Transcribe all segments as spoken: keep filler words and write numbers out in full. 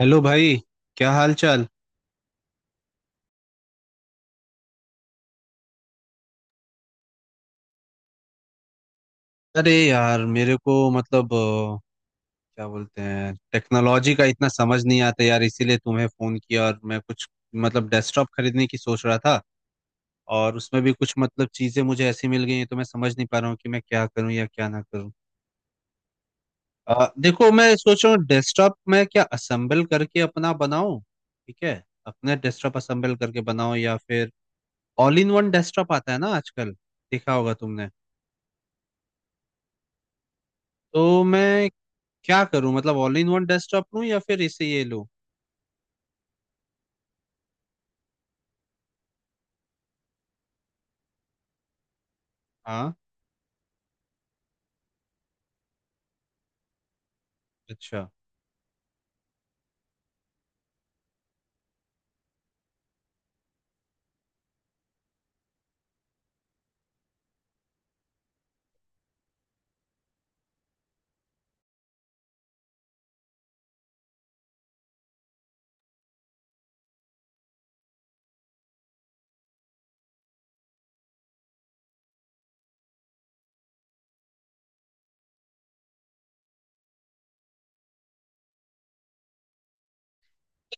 Hello भाई। क्या हाल चाल। अरे यार मेरे को मतलब अ, क्या बोलते हैं, टेक्नोलॉजी का इतना समझ नहीं आता यार, इसीलिए तुम्हें फोन किया। और मैं कुछ मतलब डेस्कटॉप खरीदने की सोच रहा था, और उसमें भी कुछ मतलब चीजें मुझे ऐसी मिल गई हैं तो मैं समझ नहीं पा रहा हूँ कि मैं क्या करूँ या क्या ना करूँ। अ, देखो, मैं सोच रहा हूँ डेस्कटॉप मैं क्या असेंबल करके अपना बनाऊँ, ठीक है, अपना डेस्कटॉप असेंबल करके बनाऊँ, या फिर ऑल इन वन डेस्कटॉप आता है ना आजकल, देखा होगा तुमने। तो मैं क्या करूं, मतलब ऑल इन वन डेस्कटॉप लूं या फिर इसे ये लूं। हाँ। अच्छा,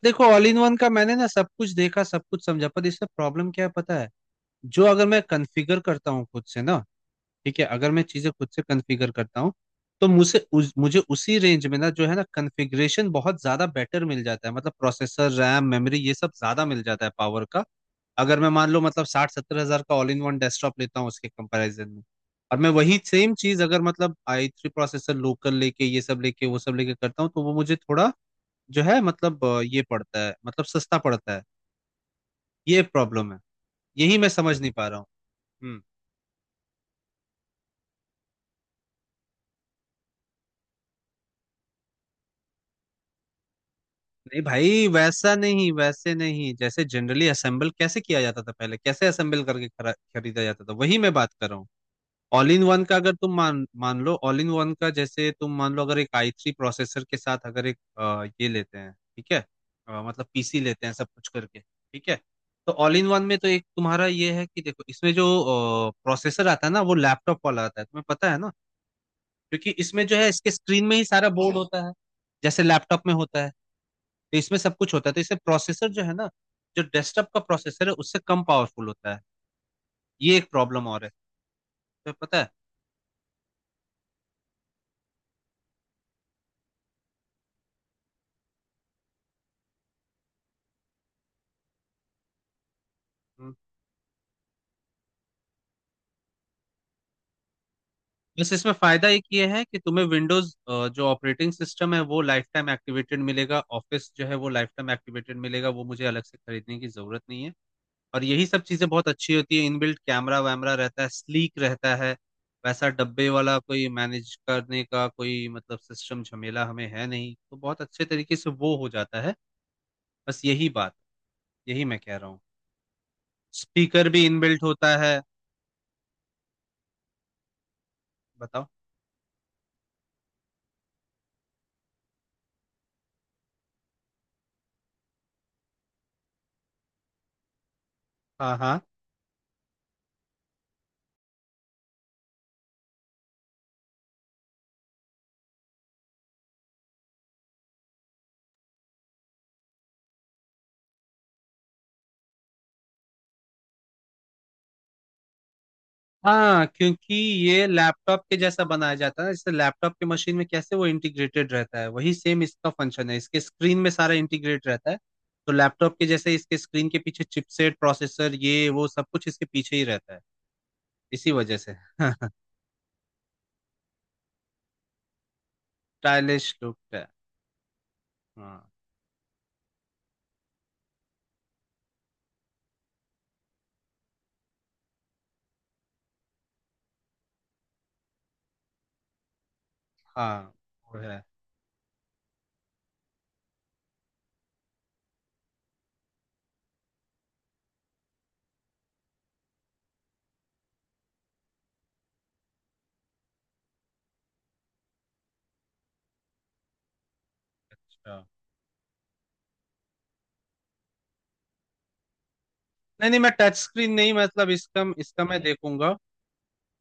देखो ऑल इन वन का मैंने ना सब कुछ देखा, सब कुछ समझा, पर इसमें प्रॉब्लम क्या है पता है, जो अगर मैं कॉन्फ़िगर करता हूँ खुद से ना, ठीक है, अगर मैं चीजें खुद से कॉन्फ़िगर करता हूँ तो मुझे उस, मुझे उसी रेंज में ना जो है ना कॉन्फ़िगरेशन बहुत ज्यादा बेटर मिल जाता है, मतलब प्रोसेसर, रैम, मेमोरी, ये सब ज्यादा मिल जाता है, पावर का। अगर मैं मान लो मतलब साठ सत्तर हजार का ऑल इन वन डेस्कटॉप लेता हूँ उसके कंपैरिजन में, और मैं वही सेम चीज अगर मतलब आई थ्री प्रोसेसर लोकल लेके, ये सब लेके, वो सब लेके करता हूँ, तो वो मुझे थोड़ा जो है मतलब अ, ये पड़ता है, मतलब सस्ता पड़ता है। ये प्रॉब्लम है, यही मैं समझ नहीं पा रहा हूँ। हम्म। नहीं भाई, वैसा नहीं, वैसे नहीं, जैसे जनरली असेंबल कैसे किया जाता था, पहले कैसे असेंबल करके खरा- खरीदा जाता था, वही मैं बात कर रहा हूँ। ऑल इन वन का अगर तुम मान मान लो, ऑल इन वन का जैसे तुम मान लो, अगर एक आई थ्री प्रोसेसर के साथ अगर एक अ, ये लेते हैं, ठीक है, अ, मतलब पीसी लेते हैं सब कुछ करके, ठीक है। तो ऑल इन वन में तो एक तुम्हारा ये है कि देखो इसमें जो प्रोसेसर आता है ना, वो लैपटॉप वाला आता है, तुम्हें पता है ना, क्योंकि इसमें जो है इसके स्क्रीन में ही सारा बोर्ड होता है जैसे लैपटॉप में होता है, तो इसमें सब कुछ होता है, तो इससे प्रोसेसर जो है ना, जो डेस्कटॉप का प्रोसेसर है उससे कम पावरफुल होता है। ये एक प्रॉब्लम और है, तुम्हें पता है। बस इसमें फायदा एक ये है कि तुम्हें विंडोज जो ऑपरेटिंग सिस्टम है वो लाइफ टाइम एक्टिवेटेड मिलेगा, ऑफिस जो है वो लाइफ टाइम एक्टिवेटेड मिलेगा, वो मुझे अलग से खरीदने की जरूरत नहीं है। और यही सब चीजें बहुत अच्छी होती है, इनबिल्ट कैमरा वैमरा रहता है, स्लीक रहता है, वैसा डब्बे वाला कोई मैनेज करने का कोई मतलब सिस्टम झमेला हमें है नहीं, तो बहुत अच्छे तरीके से वो हो जाता है। बस यही बात, यही मैं कह रहा हूँ। स्पीकर भी इनबिल्ट होता है। बताओ। हाँ हाँ हाँ, क्योंकि ये लैपटॉप के जैसा बनाया जाता है ना, जैसे लैपटॉप के मशीन में कैसे वो इंटीग्रेटेड रहता है, वही सेम इसका फंक्शन है, इसके स्क्रीन में सारा इंटीग्रेट रहता है, तो लैपटॉप के जैसे इसके स्क्रीन के पीछे चिपसेट, प्रोसेसर, ये वो सब कुछ इसके पीछे ही रहता है, इसी वजह से स्टाइलिश लुक है। हाँ हाँ, वो है। अच्छा, नहीं नहीं, मैं टच स्क्रीन नहीं, मतलब इसका, इसका मैं देखूंगा।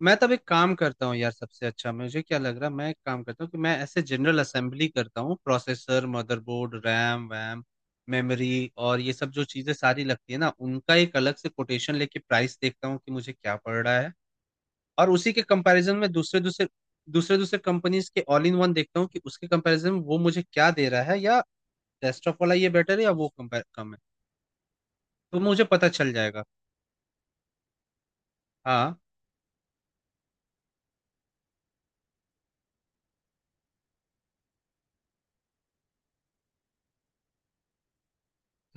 मैं तब एक काम करता हूँ यार, सबसे अच्छा मुझे क्या लग रहा है, मैं एक काम करता हूँ कि मैं ऐसे जनरल असेंबली करता हूँ, प्रोसेसर, मदरबोर्ड, रैम वैम, मेमोरी और ये सब जो चीज़ें सारी लगती है ना, उनका एक अलग से कोटेशन लेके प्राइस देखता हूँ कि मुझे क्या पड़ रहा है, और उसी के कंपैरिजन में दूसरे दूसरे दूसरे दूसरे कंपनीज के ऑल इन वन देखता हूँ, कि उसके कंपैरिजन में वो मुझे क्या दे रहा है, या डेस्कटॉप वाला ये बेटर है या वो कंपेयर कम है, तो मुझे पता चल जाएगा। हाँ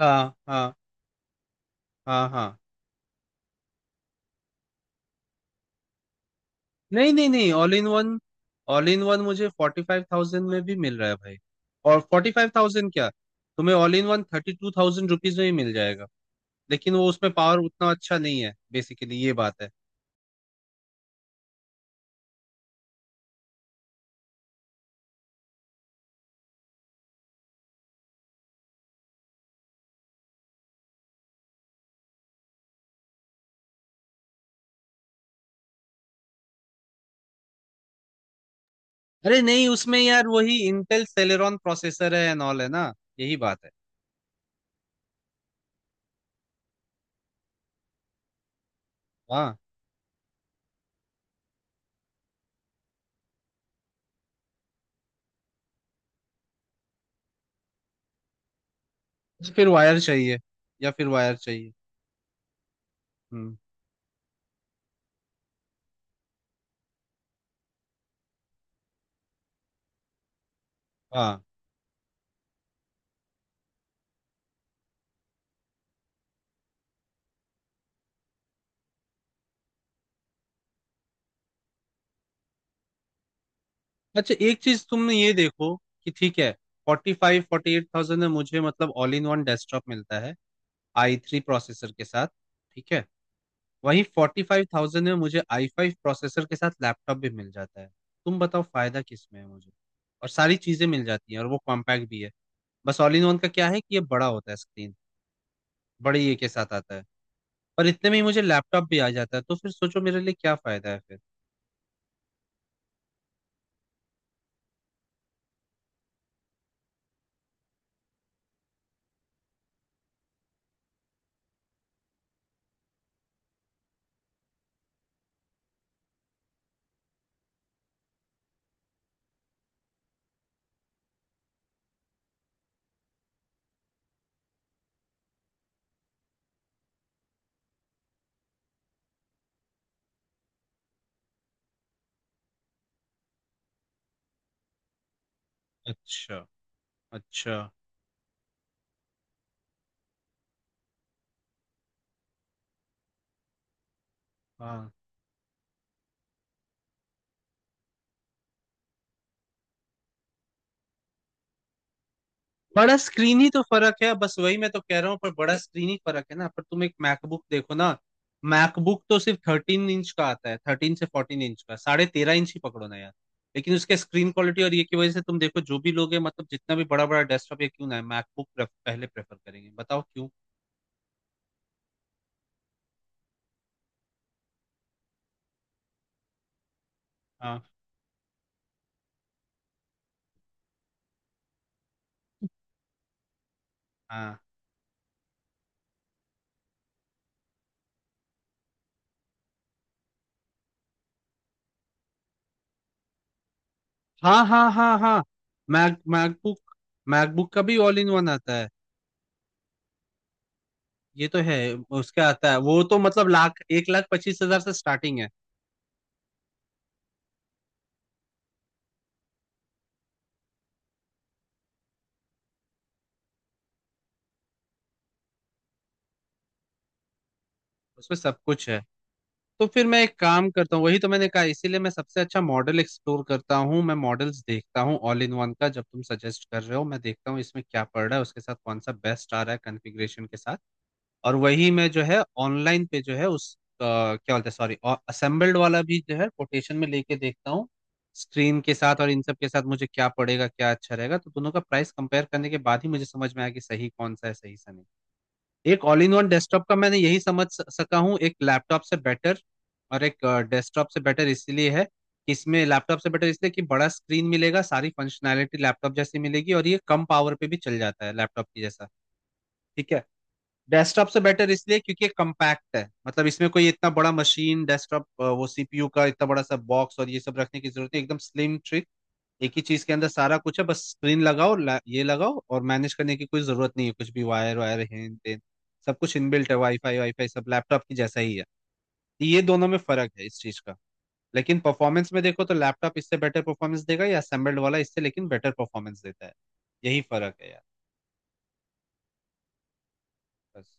हाँ हाँ हाँ हाँ। नहीं नहीं नहीं, all in one, all in one मुझे फोर्टी फाइव थाउजेंड में भी मिल रहा है भाई। और फोर्टी फाइव थाउजेंड क्या, तुम्हें all in one thirty two thousand rupees में ही मिल जाएगा, लेकिन वो उसमें पावर उतना अच्छा नहीं है, बेसिकली ये बात है। अरे नहीं, उसमें यार वही इंटेल सेलेरॉन प्रोसेसर है एंड ऑल, है ना, यही बात है। हाँ, फिर वायर चाहिए, या फिर वायर चाहिए। हम्म। हाँ, अच्छा एक चीज तुमने ये देखो, कि ठीक है, forty five forty eight thousand में मुझे मतलब ऑल इन वन डेस्कटॉप मिलता है आई थ्री प्रोसेसर के साथ, ठीक है। वहीं फोर्टी फाइव थाउजेंड में मुझे आई फाइव प्रोसेसर के साथ लैपटॉप भी मिल जाता है, तुम बताओ फायदा किस में है मुझे, और सारी चीजें मिल जाती हैं और वो कॉम्पैक्ट भी है। बस ऑल इन वन का क्या है, कि ये बड़ा होता है स्क्रीन, बड़े ये के साथ आता है, पर इतने में ही मुझे लैपटॉप भी आ जाता है, तो फिर सोचो मेरे लिए क्या फायदा है फिर। अच्छा, अच्छा। हाँ, बड़ा स्क्रीन ही तो फर्क है बस, वही मैं तो कह रहा हूँ, पर बड़ा स्क्रीन ही फर्क है ना, पर तुम एक मैकबुक देखो ना, मैकबुक तो सिर्फ थर्टीन इंच का आता है, थर्टीन से फोर्टीन इंच का, साढ़े तेरह इंच ही पकड़ो ना यार, लेकिन उसके स्क्रीन क्वालिटी और ये की वजह से तुम देखो, जो भी लोग है मतलब जितना भी बड़ा बड़ा डेस्कटॉप या क्यों ना है, मैकबुक पहले प्रेफर करेंगे, बताओ क्यों। हाँ हाँ हाँ हाँ हाँ हाँ। मैक मैकबुक, मैकबुक का भी ऑल इन वन आता है। ये तो है, उसका आता है, वो तो मतलब लाख, एक लाख पच्चीस हजार से स्टार्टिंग है। उसमें सब कुछ है। तो फिर मैं एक काम करता हूँ, वही तो मैंने कहा, इसीलिए मैं सबसे अच्छा मॉडल एक्सप्लोर करता हूँ, मैं मॉडल्स देखता हूँ ऑल इन वन का, जब तुम सजेस्ट कर रहे हो, मैं देखता हूँ इसमें क्या पड़ रहा है, उसके साथ कौन सा बेस्ट आ रहा है कॉन्फ़िगरेशन के साथ, और वही मैं जो है ऑनलाइन पे जो है उस अ, क्या बोलते हैं, सॉरी, असेंबल्ड वाला भी जो है कोटेशन में लेके देखता हूँ, स्क्रीन के साथ और इन सब के साथ मुझे क्या पड़ेगा, क्या अच्छा रहेगा, तो दोनों का प्राइस कंपेयर करने के बाद ही मुझे समझ में आया कि सही कौन सा है सही सा नहीं। एक ऑल इन वन डेस्कटॉप का मैंने यही समझ स- सका हूँ, एक लैपटॉप से बेटर, और एक डेस्कटॉप से बेटर इसलिए है कि इसमें लैपटॉप से बेटर इसलिए कि बड़ा स्क्रीन मिलेगा, सारी फंक्शनैलिटी लैपटॉप जैसी मिलेगी, और ये कम पावर पे भी चल जाता है लैपटॉप की जैसा, ठीक है। डेस्कटॉप से बेटर इसलिए क्योंकि ये कम्पैक्ट है, मतलब इसमें कोई इतना बड़ा मशीन डेस्कटॉप, वो सीपीयू का इतना बड़ा सा बॉक्स और ये सब रखने की जरूरत नहीं, एकदम स्लिम ट्री, एक ही चीज के अंदर सारा कुछ है, बस स्क्रीन लगाओ, ला, ये लगाओ और मैनेज करने की कोई जरूरत नहीं है कुछ भी, वायर वायर हेन टेन, सब कुछ इनबिल्ट है, वाईफाई वाईफाई सब लैपटॉप की जैसा ही है, ये दोनों में फर्क है इस चीज का। लेकिन परफॉर्मेंस में देखो तो लैपटॉप इससे बेटर परफॉर्मेंस देगा, या असेंबल्ड वाला इससे लेकिन बेटर परफॉर्मेंस देता है, यही फर्क है यार। बस,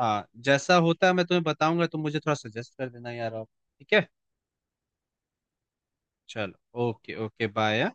हाँ, जैसा होता है मैं तुम्हें बताऊंगा, तुम मुझे थोड़ा सजेस्ट कर देना यार, आप ठीक है। चलो, ओके ओके बाय।